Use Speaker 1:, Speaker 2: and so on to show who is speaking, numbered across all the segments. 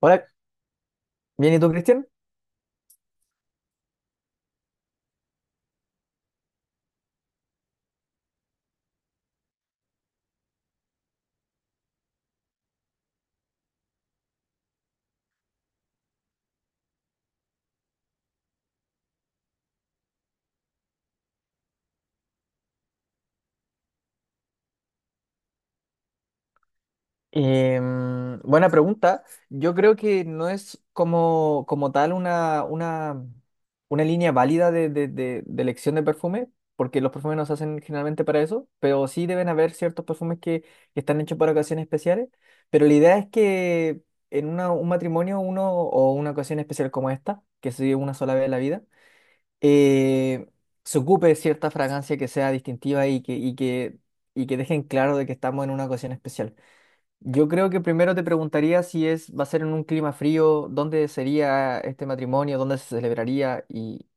Speaker 1: Hola, bien, ¿y tú, Cristian? Buena pregunta. Yo creo que no es como tal una línea válida de elección de perfume, porque los perfumes no se hacen generalmente para eso, pero sí deben haber ciertos perfumes que están hechos para ocasiones especiales. Pero la idea es que un matrimonio uno o una ocasión especial como esta, que se vive una sola vez en la vida, eh, se ocupe de cierta fragancia que sea distintiva y que dejen claro de que estamos en una ocasión especial. Yo creo que primero te preguntaría si es, va a ser en un clima frío, dónde sería este matrimonio, dónde se celebraría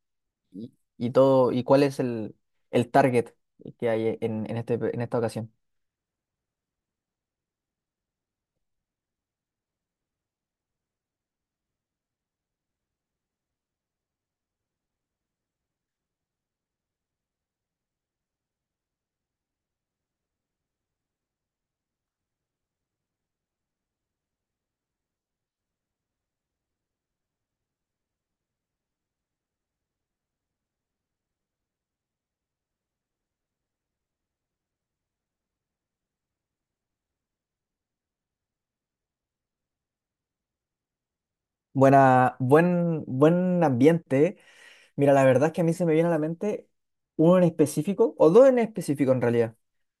Speaker 1: y, y todo, y cuál es el target que hay en esta ocasión. Buen ambiente. Mira, la verdad es que a mí se me viene a la mente uno en específico, o dos en específico en realidad.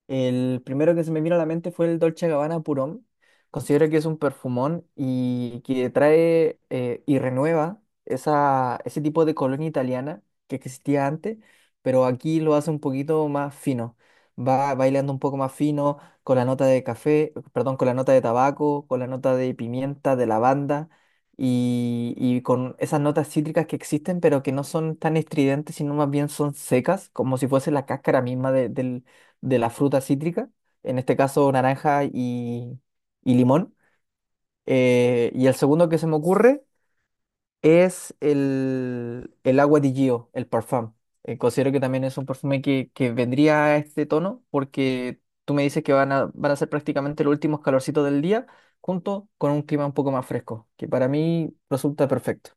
Speaker 1: El primero que se me vino a la mente fue el Dolce Gabbana Purón. Considero que es un perfumón y que trae y renueva ese tipo de colonia italiana que existía antes, pero aquí lo hace un poquito más fino. Va bailando un poco más fino con la nota de café, perdón, con la nota de tabaco, con la nota de pimienta, de lavanda y con esas notas cítricas que existen, pero que no son tan estridentes, sino más bien son secas, como si fuese la cáscara misma de la fruta cítrica, en este caso naranja y limón. Y el segundo que se me ocurre es el agua di Gio, el parfum. Considero que también es un perfume que vendría a este tono porque tú me dices que van a ser prácticamente los últimos calorcitos del día junto con un clima un poco más fresco, que para mí resulta perfecto.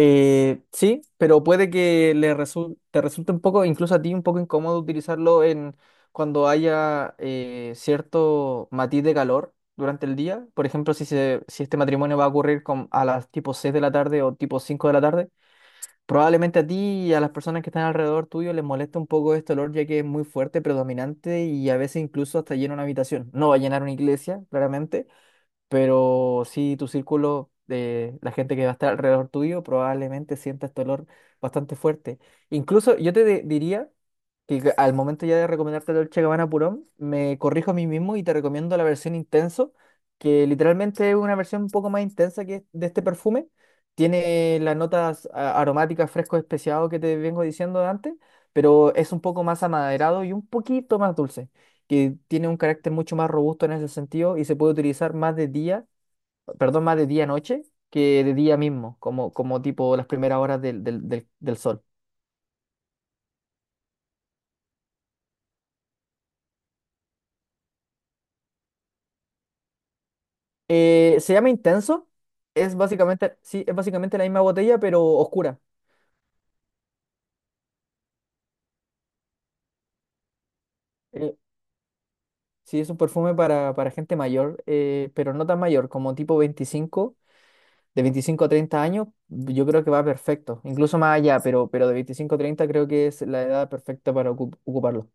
Speaker 1: Sí, pero puede que te resulte un poco, incluso a ti, un poco incómodo utilizarlo en cuando haya cierto matiz de calor durante el día. Por ejemplo, si este matrimonio va a ocurrir a las tipo 6 de la tarde o tipo 5 de la tarde, probablemente a ti y a las personas que están alrededor tuyo les molesta un poco este olor, ya que es muy fuerte, predominante y a veces incluso hasta llena una habitación. No va a llenar una iglesia, claramente, pero sí, tu círculo de la gente que va a estar alrededor tuyo probablemente sienta este olor bastante fuerte. Incluso yo te diría que al momento ya de recomendarte el Dolce Gabbana Purón, me corrijo a mí mismo y te recomiendo la versión Intenso, que literalmente es una versión un poco más intensa que de este perfume. Tiene las notas aromáticas fresco especiado que te vengo diciendo antes, pero es un poco más amaderado y un poquito más dulce que tiene un carácter mucho más robusto en ese sentido y se puede utilizar más de día, perdón, más de día-noche que de día mismo, como tipo las primeras horas del sol. Se llama Intenso, es básicamente, sí, es básicamente la misma botella, pero oscura. Eh, sí, es un perfume para gente mayor, pero no tan mayor, como tipo 25, de 25 a 30 años, yo creo que va perfecto, incluso más allá, pero de 25 a 30 creo que es la edad perfecta para ocuparlo.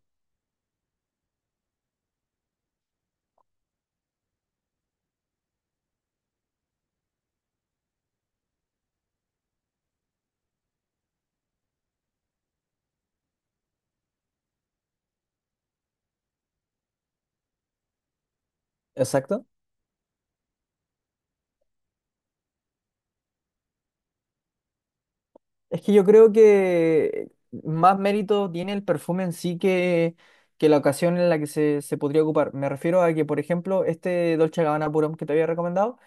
Speaker 1: Exacto. Es que yo creo que más mérito tiene el perfume en sí que la ocasión en la que se podría ocupar. Me refiero a que, por ejemplo, este Dolce Gabbana Purón que te había recomendado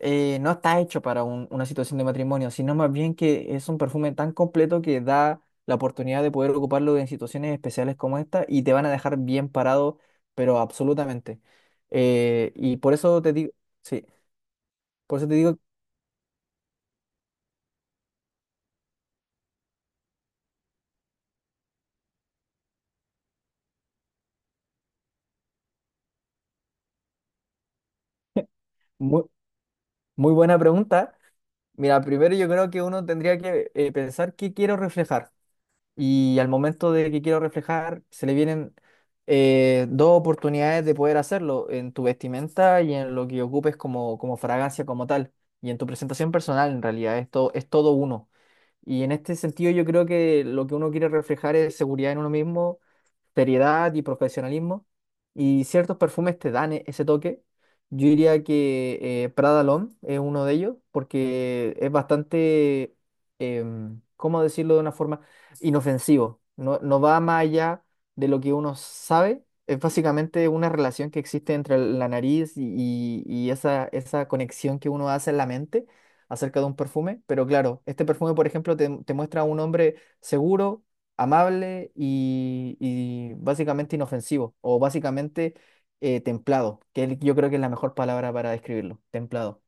Speaker 1: no está hecho para una situación de matrimonio, sino más bien que es un perfume tan completo que da la oportunidad de poder ocuparlo en situaciones especiales como esta y te van a dejar bien parado, pero absolutamente. Y por eso te digo, sí, por eso te digo, muy, muy buena pregunta. Mira, primero yo creo que uno tendría que pensar qué quiero reflejar. Y al momento de que quiero reflejar, se le vienen dos oportunidades de poder hacerlo, en tu vestimenta y en lo que ocupes como fragancia como tal, y en tu presentación personal en realidad, esto es todo uno. Y en este sentido yo creo que lo que uno quiere reflejar es seguridad en uno mismo, seriedad y profesionalismo. Y ciertos perfumes te dan ese toque. Yo diría que Prada L'Homme es uno de ellos porque es bastante, ¿cómo decirlo de una forma? Inofensivo. No, no va más allá de lo que uno sabe. Es básicamente una relación que existe entre la nariz y esa conexión que uno hace en la mente acerca de un perfume. Pero claro, este perfume, por ejemplo, te muestra a un hombre seguro, amable y básicamente inofensivo o básicamente templado, yo creo que es la mejor palabra para describirlo, templado.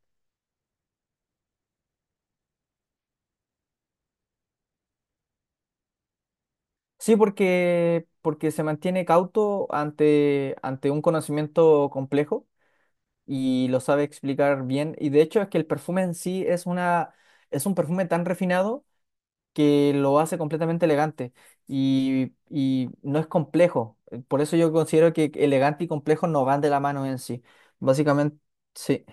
Speaker 1: Sí, porque se mantiene cauto ante un conocimiento complejo y lo sabe explicar bien. Y de hecho es que el perfume en sí es un perfume tan refinado que lo hace completamente elegante y no es complejo. Por eso yo considero que elegante y complejo no van de la mano en sí. Básicamente, sí.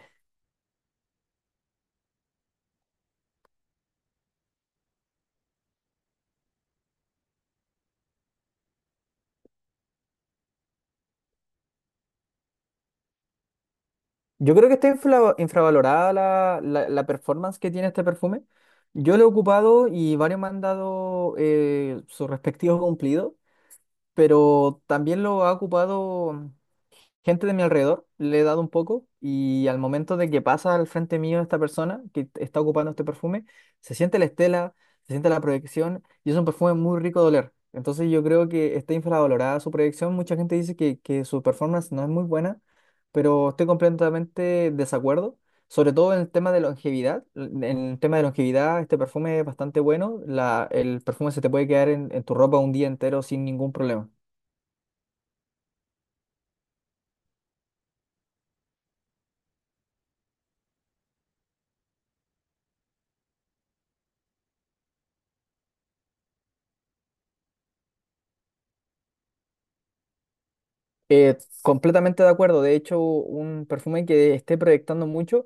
Speaker 1: Yo creo que está infravalorada la performance que tiene este perfume. Yo lo he ocupado y varios me han dado sus respectivos cumplidos, pero también lo ha ocupado gente de mi alrededor, le he dado un poco y al momento de que pasa al frente mío esta persona que está ocupando este perfume, se siente la estela, se siente la proyección y es un perfume muy rico de oler. Entonces yo creo que está infravalorada su proyección. Mucha gente dice que su performance no es muy buena, pero estoy completamente desacuerdo. Sobre todo en el tema de longevidad. En el tema de longevidad, este perfume es bastante bueno. El perfume se te puede quedar en tu ropa un día entero sin ningún problema. Completamente de acuerdo. De hecho, un perfume que esté proyectando mucho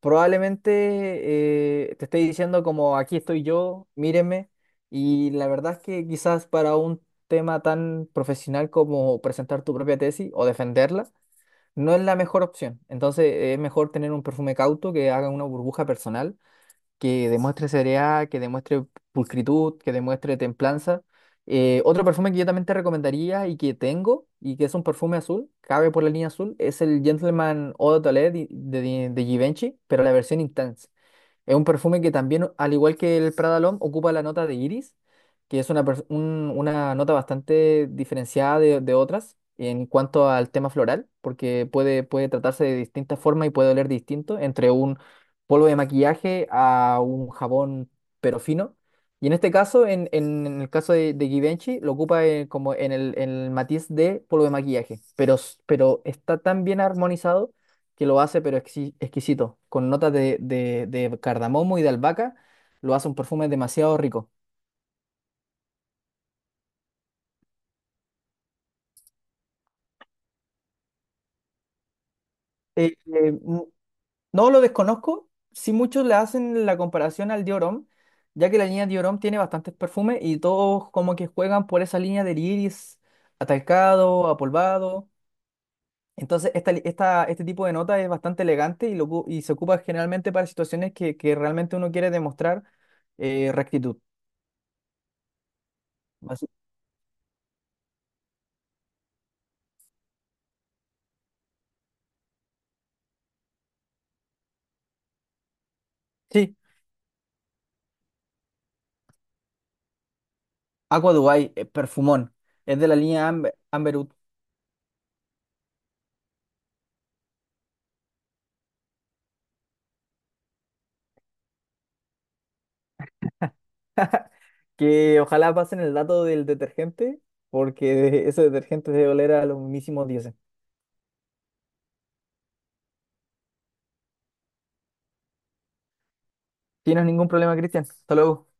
Speaker 1: probablemente te esté diciendo como aquí estoy yo, míreme. Y la verdad es que quizás para un tema tan profesional como presentar tu propia tesis o defenderla, no es la mejor opción. Entonces, es mejor tener un perfume cauto que haga una burbuja personal que demuestre seriedad, que demuestre pulcritud, que demuestre templanza. Otro perfume que yo también te recomendaría y que tengo, y que es un perfume azul, cabe por la línea azul, es el Gentleman Eau de Toilette de Givenchy, pero la versión Intense. Es un perfume que también, al igual que el Prada L'Homme, ocupa la nota de iris, que es una nota bastante diferenciada de otras en cuanto al tema floral, porque puede tratarse de distintas formas y puede oler distinto entre un polvo de maquillaje a un jabón pero fino. Y en este caso, en el caso de Givenchy, lo ocupa como en el matiz de polvo de maquillaje, pero está tan bien armonizado que lo hace, pero exquisito, con notas de cardamomo y de albahaca, lo hace un perfume demasiado rico. Eh, eh, n- no lo desconozco, si muchos le hacen la comparación al Dior Homme, ya que la línea Dior Homme tiene bastantes perfumes y todos como que juegan por esa línea del iris atalcado, apolvado. Entonces, este tipo de nota es bastante elegante y se ocupa generalmente para situaciones que realmente uno quiere demostrar rectitud. Así- Sí, Aqua Dubai, perfumón. Es de la línea Amber, Amberwood. Que ojalá pasen el dato del detergente, porque ese detergente debe oler a los mismísimos dioses. ¿Tienes ningún problema, Cristian? Hasta luego.